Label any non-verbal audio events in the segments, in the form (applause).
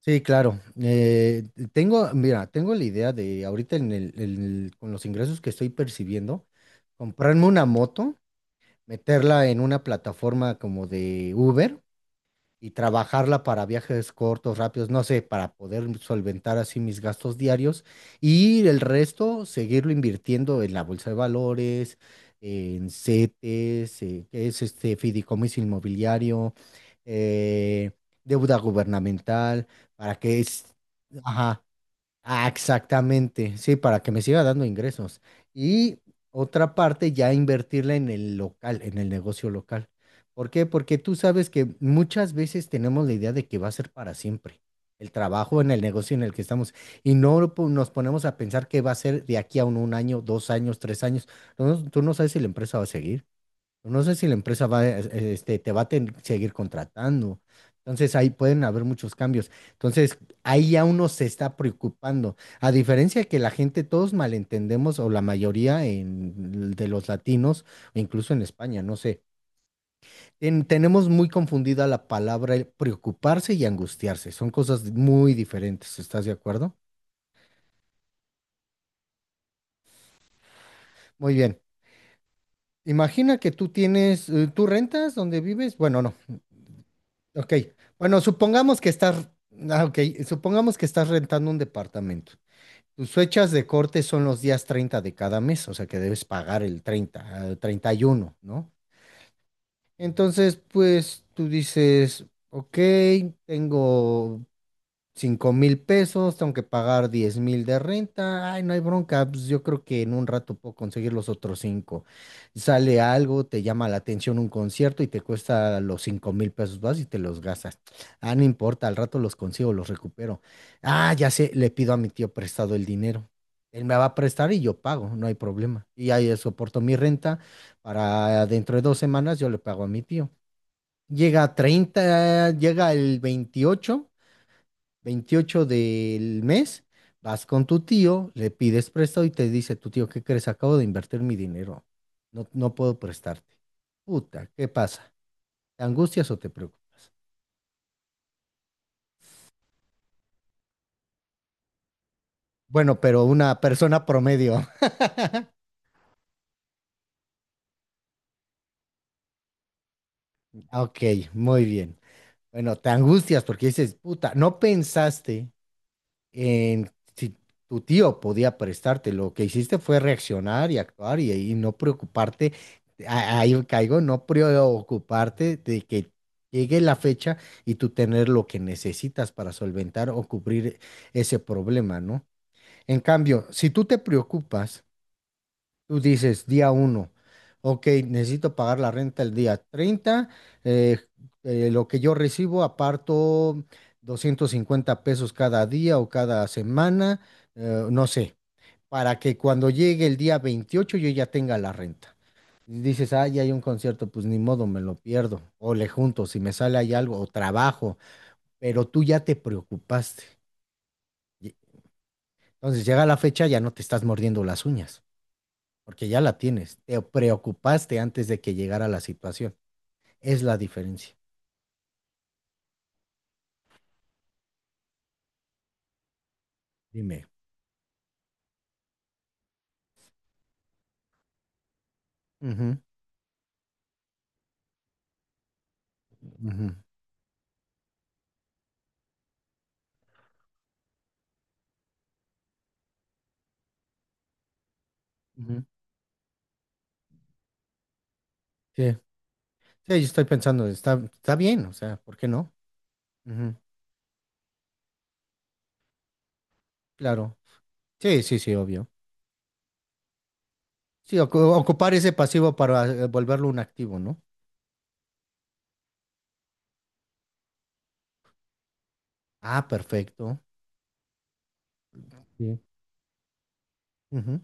Sí, claro. Tengo, mira, tengo la idea de ahorita en el, con los ingresos que estoy percibiendo, comprarme una moto, meterla en una plataforma como de Uber y trabajarla para viajes cortos, rápidos, no sé, para poder solventar así mis gastos diarios y el resto seguirlo invirtiendo en la bolsa de valores, en CETES, que es este fideicomiso inmobiliario, eh, deuda gubernamental, para que es, ajá. Ah, exactamente, sí, para que me siga dando ingresos. Y otra parte ya invertirla en el local, en el negocio local. ¿Por qué? Porque tú sabes que muchas veces tenemos la idea de que va a ser para siempre el trabajo en el negocio en el que estamos y no lo po- nos ponemos a pensar que va a ser de aquí a un año, dos años, tres años. No, tú no sabes si la empresa va a seguir. No sé si la empresa va, este, te va a ten- seguir contratando. Entonces ahí pueden haber muchos cambios. Entonces ahí ya uno se está preocupando. A diferencia de que la gente, todos malentendemos, o la mayoría de los latinos, o incluso en España, no sé, tenemos muy confundida la palabra el preocuparse y angustiarse. Son cosas muy diferentes. ¿Estás de acuerdo? Muy bien. Imagina que tú rentas donde vives. Bueno, no. Ok, bueno, supongamos que estás, ah, ok, supongamos que estás rentando un departamento. Tus fechas de corte son los días 30 de cada mes, o sea que debes pagar el 30 el 31, ¿no? Entonces, pues tú dices, ok, tengo 5,000 pesos, tengo que pagar 10,000 de renta, ay, no hay bronca, pues yo creo que en un rato puedo conseguir los otros cinco. Sale algo, te llama la atención un concierto y te cuesta los 5,000 pesos, vas y te los gastas. Ah, no importa, al rato los consigo, los recupero. Ah, ya sé, le pido a mi tío prestado el dinero. Él me va a prestar y yo pago, no hay problema. Y ahí soporto mi renta para dentro de 2 semanas yo le pago a mi tío. Llega a 30, llega el veintiocho del mes, vas con tu tío, le pides prestado y te dice, tu tío, ¿qué crees? Acabo de invertir mi dinero. No, no puedo prestarte. Puta, ¿qué pasa? ¿Te angustias o te preocupas? Bueno, pero una persona promedio. (laughs) Ok, muy bien. Bueno, te angustias porque dices, puta, no pensaste en- si tu tío podía prestarte, lo que hiciste fue reaccionar y actuar y no preocuparte, ahí caigo, no preocuparte de que llegue la fecha y tú tener lo que necesitas para solventar o cubrir ese problema, ¿no? En cambio, si tú te preocupas, tú dices día uno, ok, necesito pagar la renta el día 30. eh, lo que yo recibo aparto 250 pesos cada día o cada semana, no sé, para que cuando llegue el día 28 yo ya tenga la renta. Y dices, ah, ya hay un concierto, pues ni modo, me lo pierdo, o le junto, si me sale ahí algo, o trabajo, pero tú ya te preocupaste. Y entonces llega la fecha, ya no te estás mordiendo las uñas, porque ya la tienes. Te preocupaste antes de que llegara la situación. Es la diferencia. Dime. Ujú, ujú, ujú. Sí, sí, yo estoy pensando, está bien, o sea, ¿por qué no? Ujú, claro. Sí, sí, sí, obvio. Sí, ocupar ese pasivo para volverlo un activo, ¿no? Ah, perfecto. Sí. Ujú.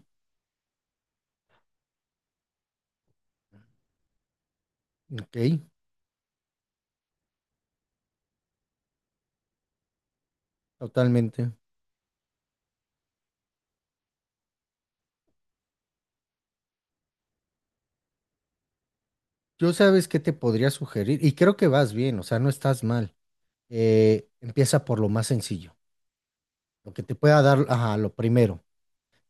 Ok, totalmente. Yo sabes qué te podría sugerir, y creo que vas bien, o sea, no estás mal. Empieza por lo más sencillo, lo que te pueda dar, ajá, lo primero.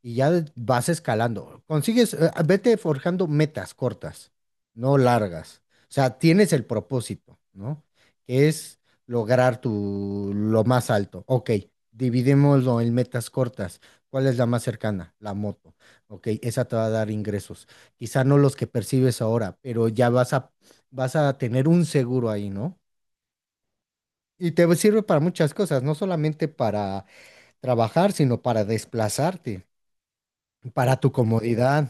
Y ya vas escalando. Consigues, vete forjando metas cortas, no largas. O sea, tienes el propósito, ¿no? Que es lograr tu lo más alto. Ok, dividémoslo en metas cortas. ¿Cuál es la más cercana? La moto. Ok, esa te va a dar ingresos. Quizá no los que percibes ahora, pero ya vas a tener un seguro ahí, ¿no? Y te sirve para muchas cosas, no solamente para trabajar, sino para desplazarte, para tu comodidad.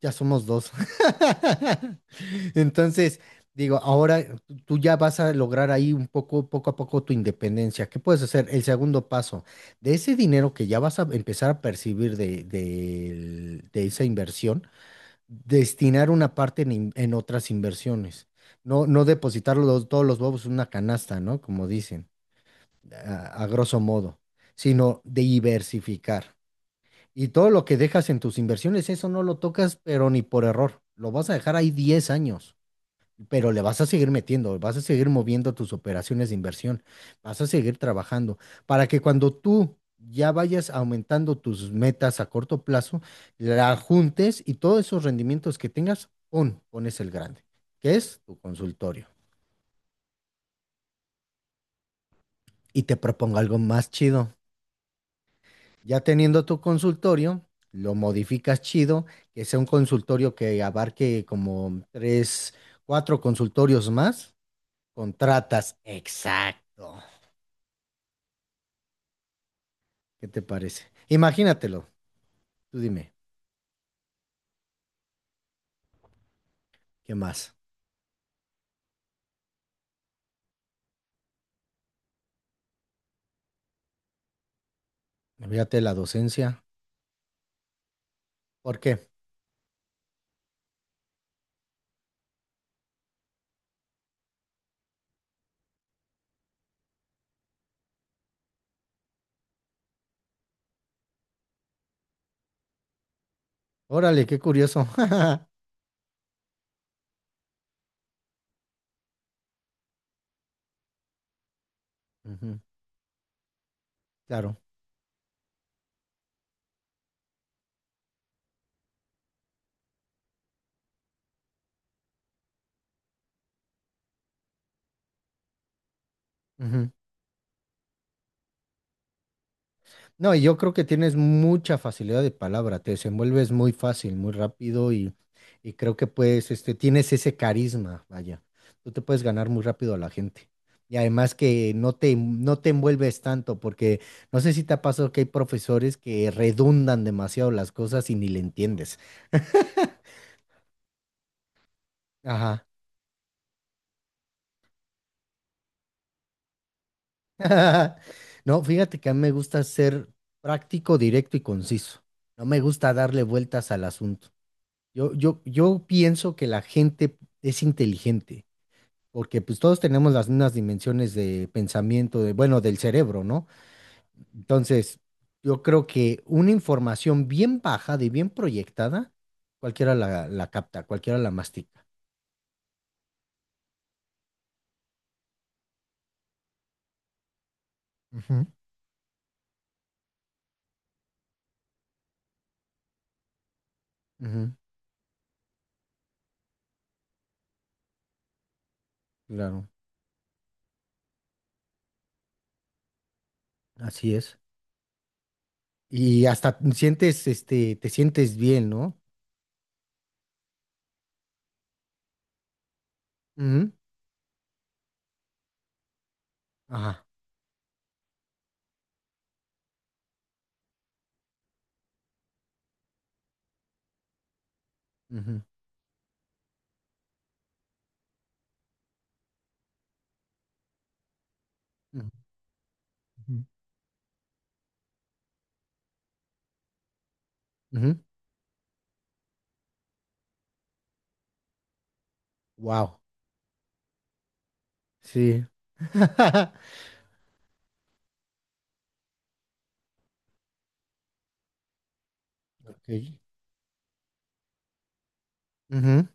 Ya somos dos. (laughs) Entonces, digo, ahora tú ya vas a lograr ahí un poco, poco a poco tu independencia. ¿Qué puedes hacer? El segundo paso, de ese dinero que ya vas a empezar a percibir de esa inversión, destinar una parte en otras inversiones. No, no depositar todos los huevos en una canasta, ¿no? Como dicen, a grosso modo, sino diversificar. Y todo lo que dejas en tus inversiones, eso no lo tocas, pero ni por error. Lo vas a dejar ahí 10 años, pero le vas a seguir metiendo, vas a seguir moviendo tus operaciones de inversión, vas a seguir trabajando para que cuando tú ya vayas aumentando tus metas a corto plazo, la juntes y todos esos rendimientos que tengas, pones el grande, que es tu consultorio. Y te propongo algo más chido. Ya teniendo tu consultorio, lo modificas chido, que sea un consultorio que abarque como tres, cuatro consultorios más. Contratas, exacto. ¿Qué te parece? Imagínatelo. Tú dime, ¿qué más? Fíjate la docencia. ¿Por qué? Órale, qué curioso. (laughs) Ujú, claro. Ujú. No, y yo creo que tienes mucha facilidad de palabra, te desenvuelves muy fácil, muy rápido y creo que puedes, tienes ese carisma, vaya, tú te puedes ganar muy rápido a la gente. Y además que no te envuelves tanto, porque no sé si te ha pasado que hay profesores que redundan demasiado las cosas y ni le entiendes. Ajá. (laughs) No, fíjate que a mí me gusta ser práctico, directo y conciso. No me gusta darle vueltas al asunto. Yo pienso que la gente es inteligente, porque pues todos tenemos las mismas dimensiones de pensamiento, bueno, del cerebro, ¿no? Entonces, yo creo que una información bien bajada y bien proyectada, cualquiera la capta, cualquiera la mastica. Ujú. Ujú, claro, así es. Y hasta te sientes bien, ¿no? Ujú. Ajá. Ujú, ujú, ujú. Wow. Sí. (laughs) Ok. Ujú,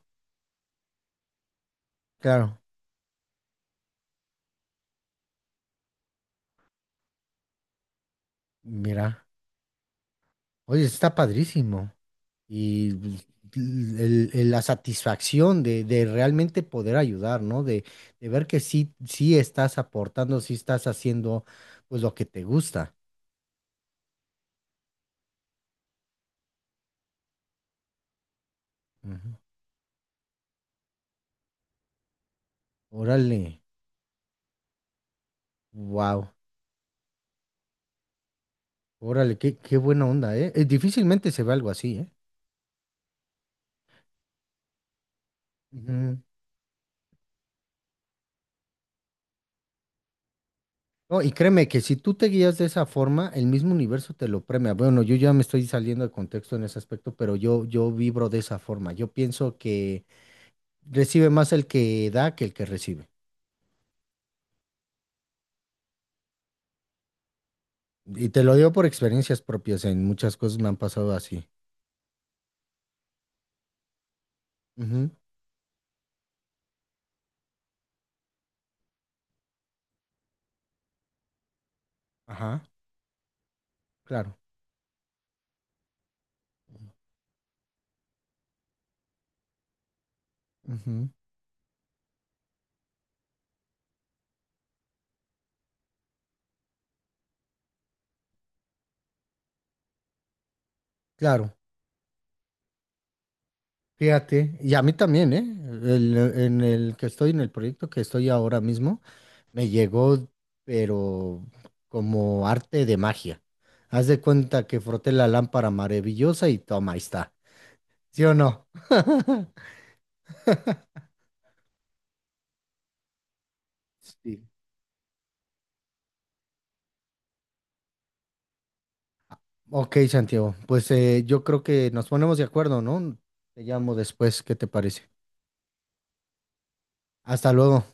claro. Mira, oye, está padrísimo. Y pues, la satisfacción de realmente poder ayudar, ¿no? De ver que sí, sí estás aportando, sí estás haciendo pues lo que te gusta. Ujú. Órale, wow, órale, qué buena onda, ¿eh? Difícilmente se ve algo así, ¿eh? Ujú. No, y créeme que si tú te guías de esa forma, el mismo universo te lo premia. Bueno, yo ya me estoy saliendo de contexto en ese aspecto, pero yo vibro de esa forma. Yo pienso que recibe más el que da que el que recibe. Y te lo digo por experiencias propias, en muchas cosas me han pasado así. Ujú. Ajá, claro. Ujú, claro. Fíjate, y a mí también, ¿eh? En el que estoy, en el proyecto que estoy ahora mismo, me llegó, pero como arte de magia. Haz de cuenta que froté la lámpara maravillosa y toma, ahí está. ¿Sí o no? (laughs) Sí. Ok, Santiago, pues yo creo que nos ponemos de acuerdo, ¿no? Te llamo después, ¿qué te parece? Hasta luego.